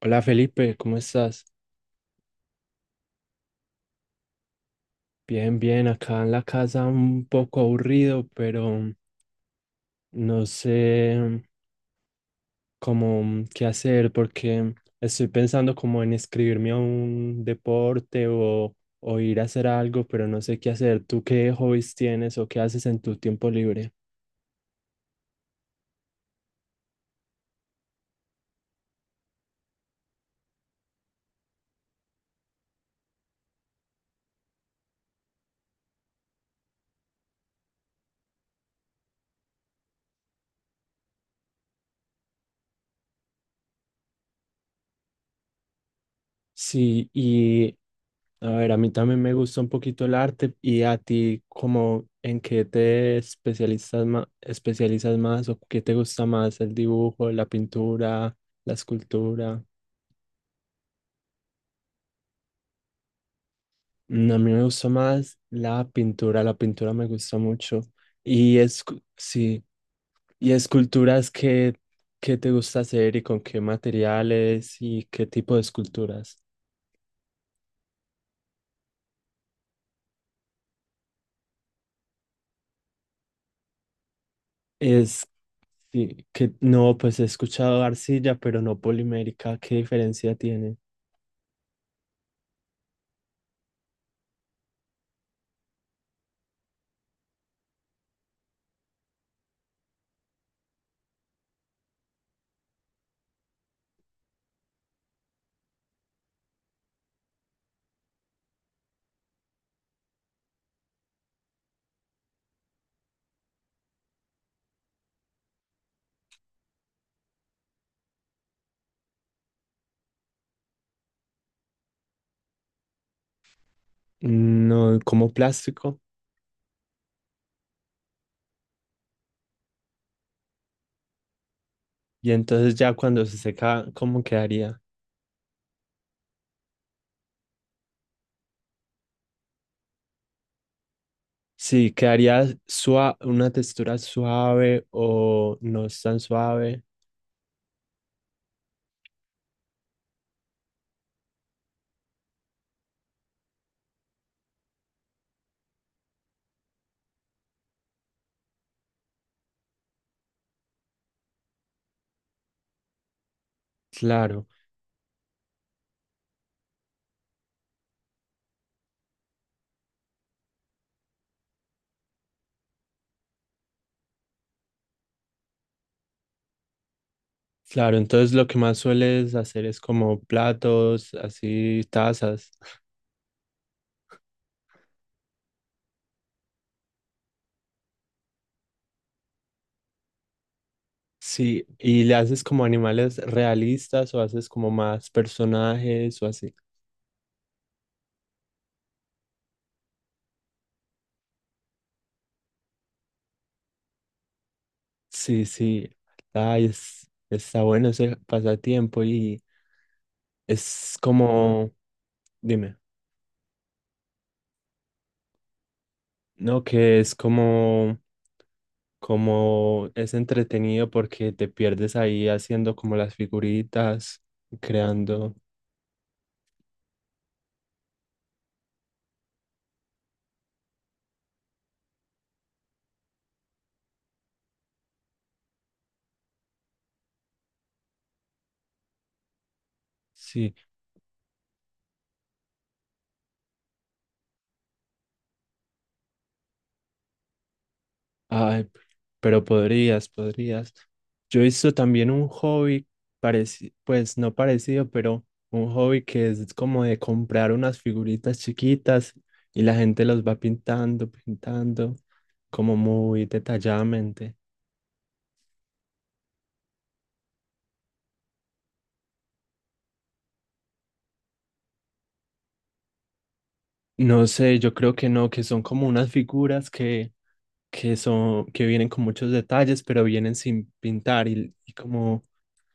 Hola Felipe, ¿cómo estás? Bien, acá en la casa un poco aburrido, pero no sé cómo qué hacer porque estoy pensando como en inscribirme a un deporte o ir a hacer algo, pero no sé qué hacer. ¿Tú qué hobbies tienes o qué haces en tu tiempo libre? Sí, y a ver, a mí también me gusta un poquito el arte. Y a ti, ¿como en qué te especializas más, o qué te gusta más, el dibujo, la pintura, la escultura? Mm, a mí me gusta más la pintura me gusta mucho. Y es, sí, y esculturas, ¿qué te gusta hacer y con qué materiales y qué tipo de esculturas? Es sí, que no, pues he escuchado arcilla, pero no polimérica, ¿qué diferencia tiene? No, como plástico. Y entonces ya cuando se seca, ¿cómo quedaría? Sí, quedaría suave, una textura suave, o no es tan suave. Claro, claro, entonces lo que más sueles hacer es como platos, así tazas. Sí, ¿y le haces como animales realistas o haces como más personajes o así? Sí, sí. Ay, está bueno ese pasatiempo y es como, dime. No, que es como, como es entretenido porque te pierdes ahí haciendo como las figuritas, creando. Sí, ay, pero podrías, podrías. Yo hice también un hobby parecido, pues no parecido, pero un hobby que es como de comprar unas figuritas chiquitas y la gente los va pintando, pintando, como muy detalladamente. No sé, yo creo que no, que son como unas figuras que son, que vienen con muchos detalles, pero vienen sin pintar y como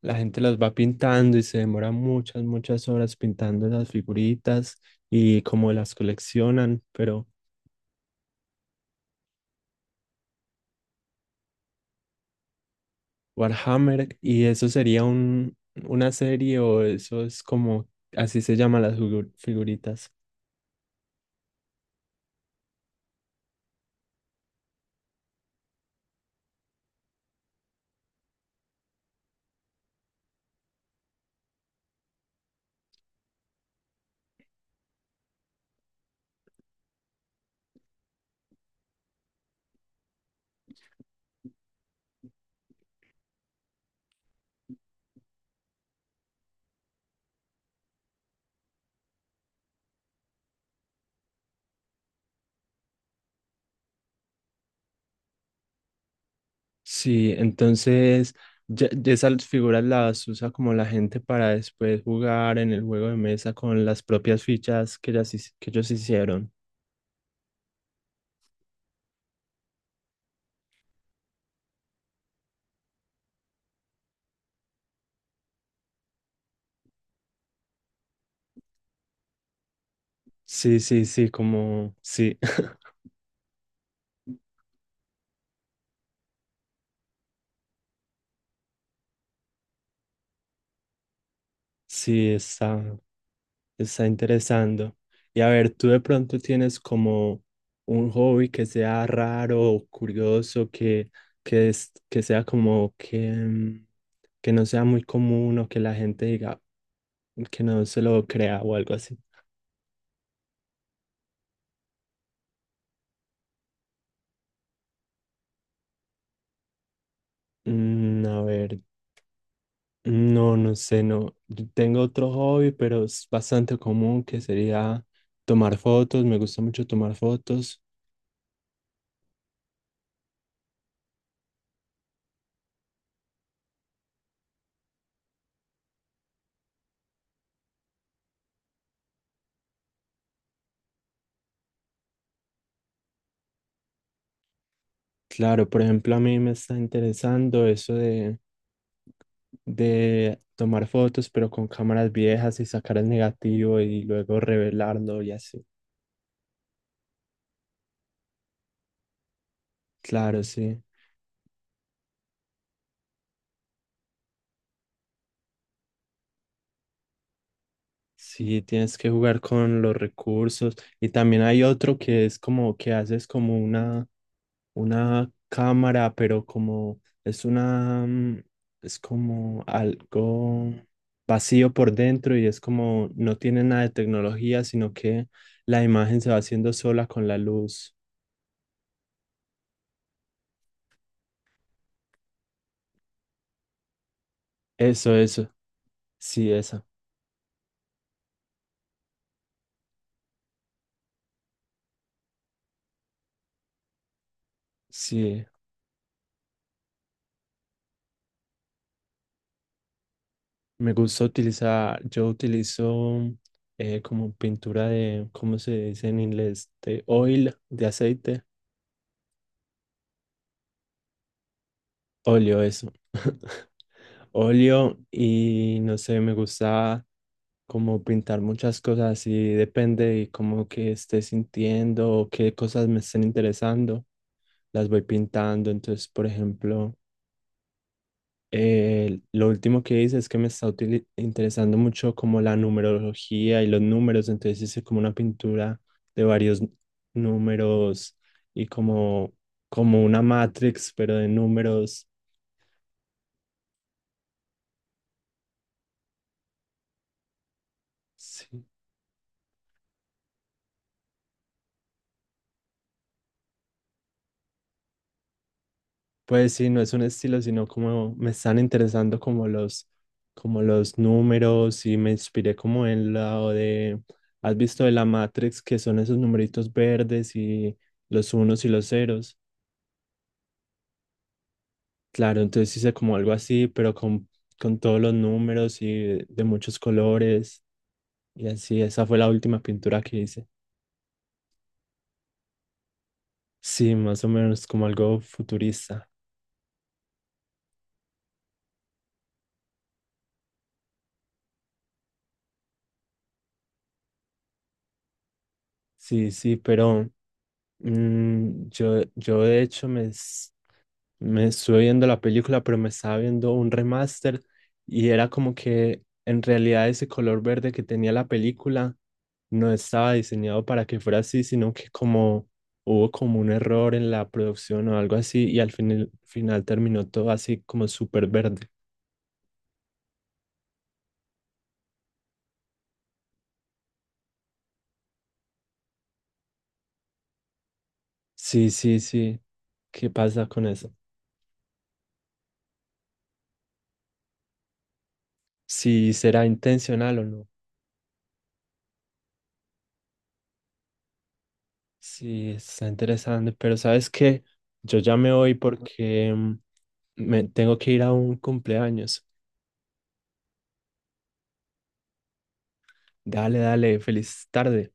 la gente las va pintando y se demora muchas, muchas horas pintando las figuritas y como las coleccionan, pero Warhammer, y eso sería un, una serie, o eso es como, así se llaman las figuritas. Sí, entonces ya esas figuras las usa como la gente para después jugar en el juego de mesa con las propias fichas que, ellas que ellos hicieron. Sí, sí, sí, como sí, sí, está, está interesando. Y a ver, ¿tú de pronto tienes como un hobby que sea raro o curioso, que sea como que, que no sea muy común, o que la gente diga que no se lo crea o algo así? Mm, a ver, no, no sé, no. Yo tengo otro hobby, pero es bastante común, que sería tomar fotos. Me gusta mucho tomar fotos. Claro, por ejemplo, a mí me está interesando eso de tomar fotos, pero con cámaras viejas y sacar el negativo y luego revelarlo y así. Claro, sí. Sí, tienes que jugar con los recursos. Y también hay otro que es como que haces como una cámara, pero como es una, mm, es como algo vacío por dentro y es como no tiene nada de tecnología, sino que la imagen se va haciendo sola con la luz. Eso, sí, esa, sí. Me gusta utilizar, yo utilizo como pintura de, ¿cómo se dice en inglés? De oil, de aceite, óleo, eso. Óleo y no sé, me gusta como pintar muchas cosas y depende de cómo que esté sintiendo o qué cosas me estén interesando, las voy pintando. Entonces, por ejemplo, lo último que hice es que me está interesando mucho como la numerología y los números, entonces hice como una pintura de varios números y como, como una matrix, pero de números. Sí. Pues sí, no es un estilo, sino como me están interesando como los números, y me inspiré como en la de, ¿has visto de la Matrix, que son esos numeritos verdes y los unos y los ceros? Claro, entonces hice como algo así, pero con todos los números y de muchos colores y así. Esa fue la última pintura que hice. Sí, más o menos como algo futurista. Sí, sí, pero mm, yo de hecho me... me estuve viendo la película, pero me estaba viendo un remaster y era como que en realidad ese color verde que tenía la película no estaba diseñado para que fuera así, sino que como hubo como un error en la producción o algo así, y al final, final terminó todo así como súper verde. Sí, sí, sí. ¿Qué pasa con eso? Si será intencional o no. Sí, está interesante, pero ¿sabes qué? Yo ya me voy porque me tengo que ir a un cumpleaños. Dale, dale, feliz tarde.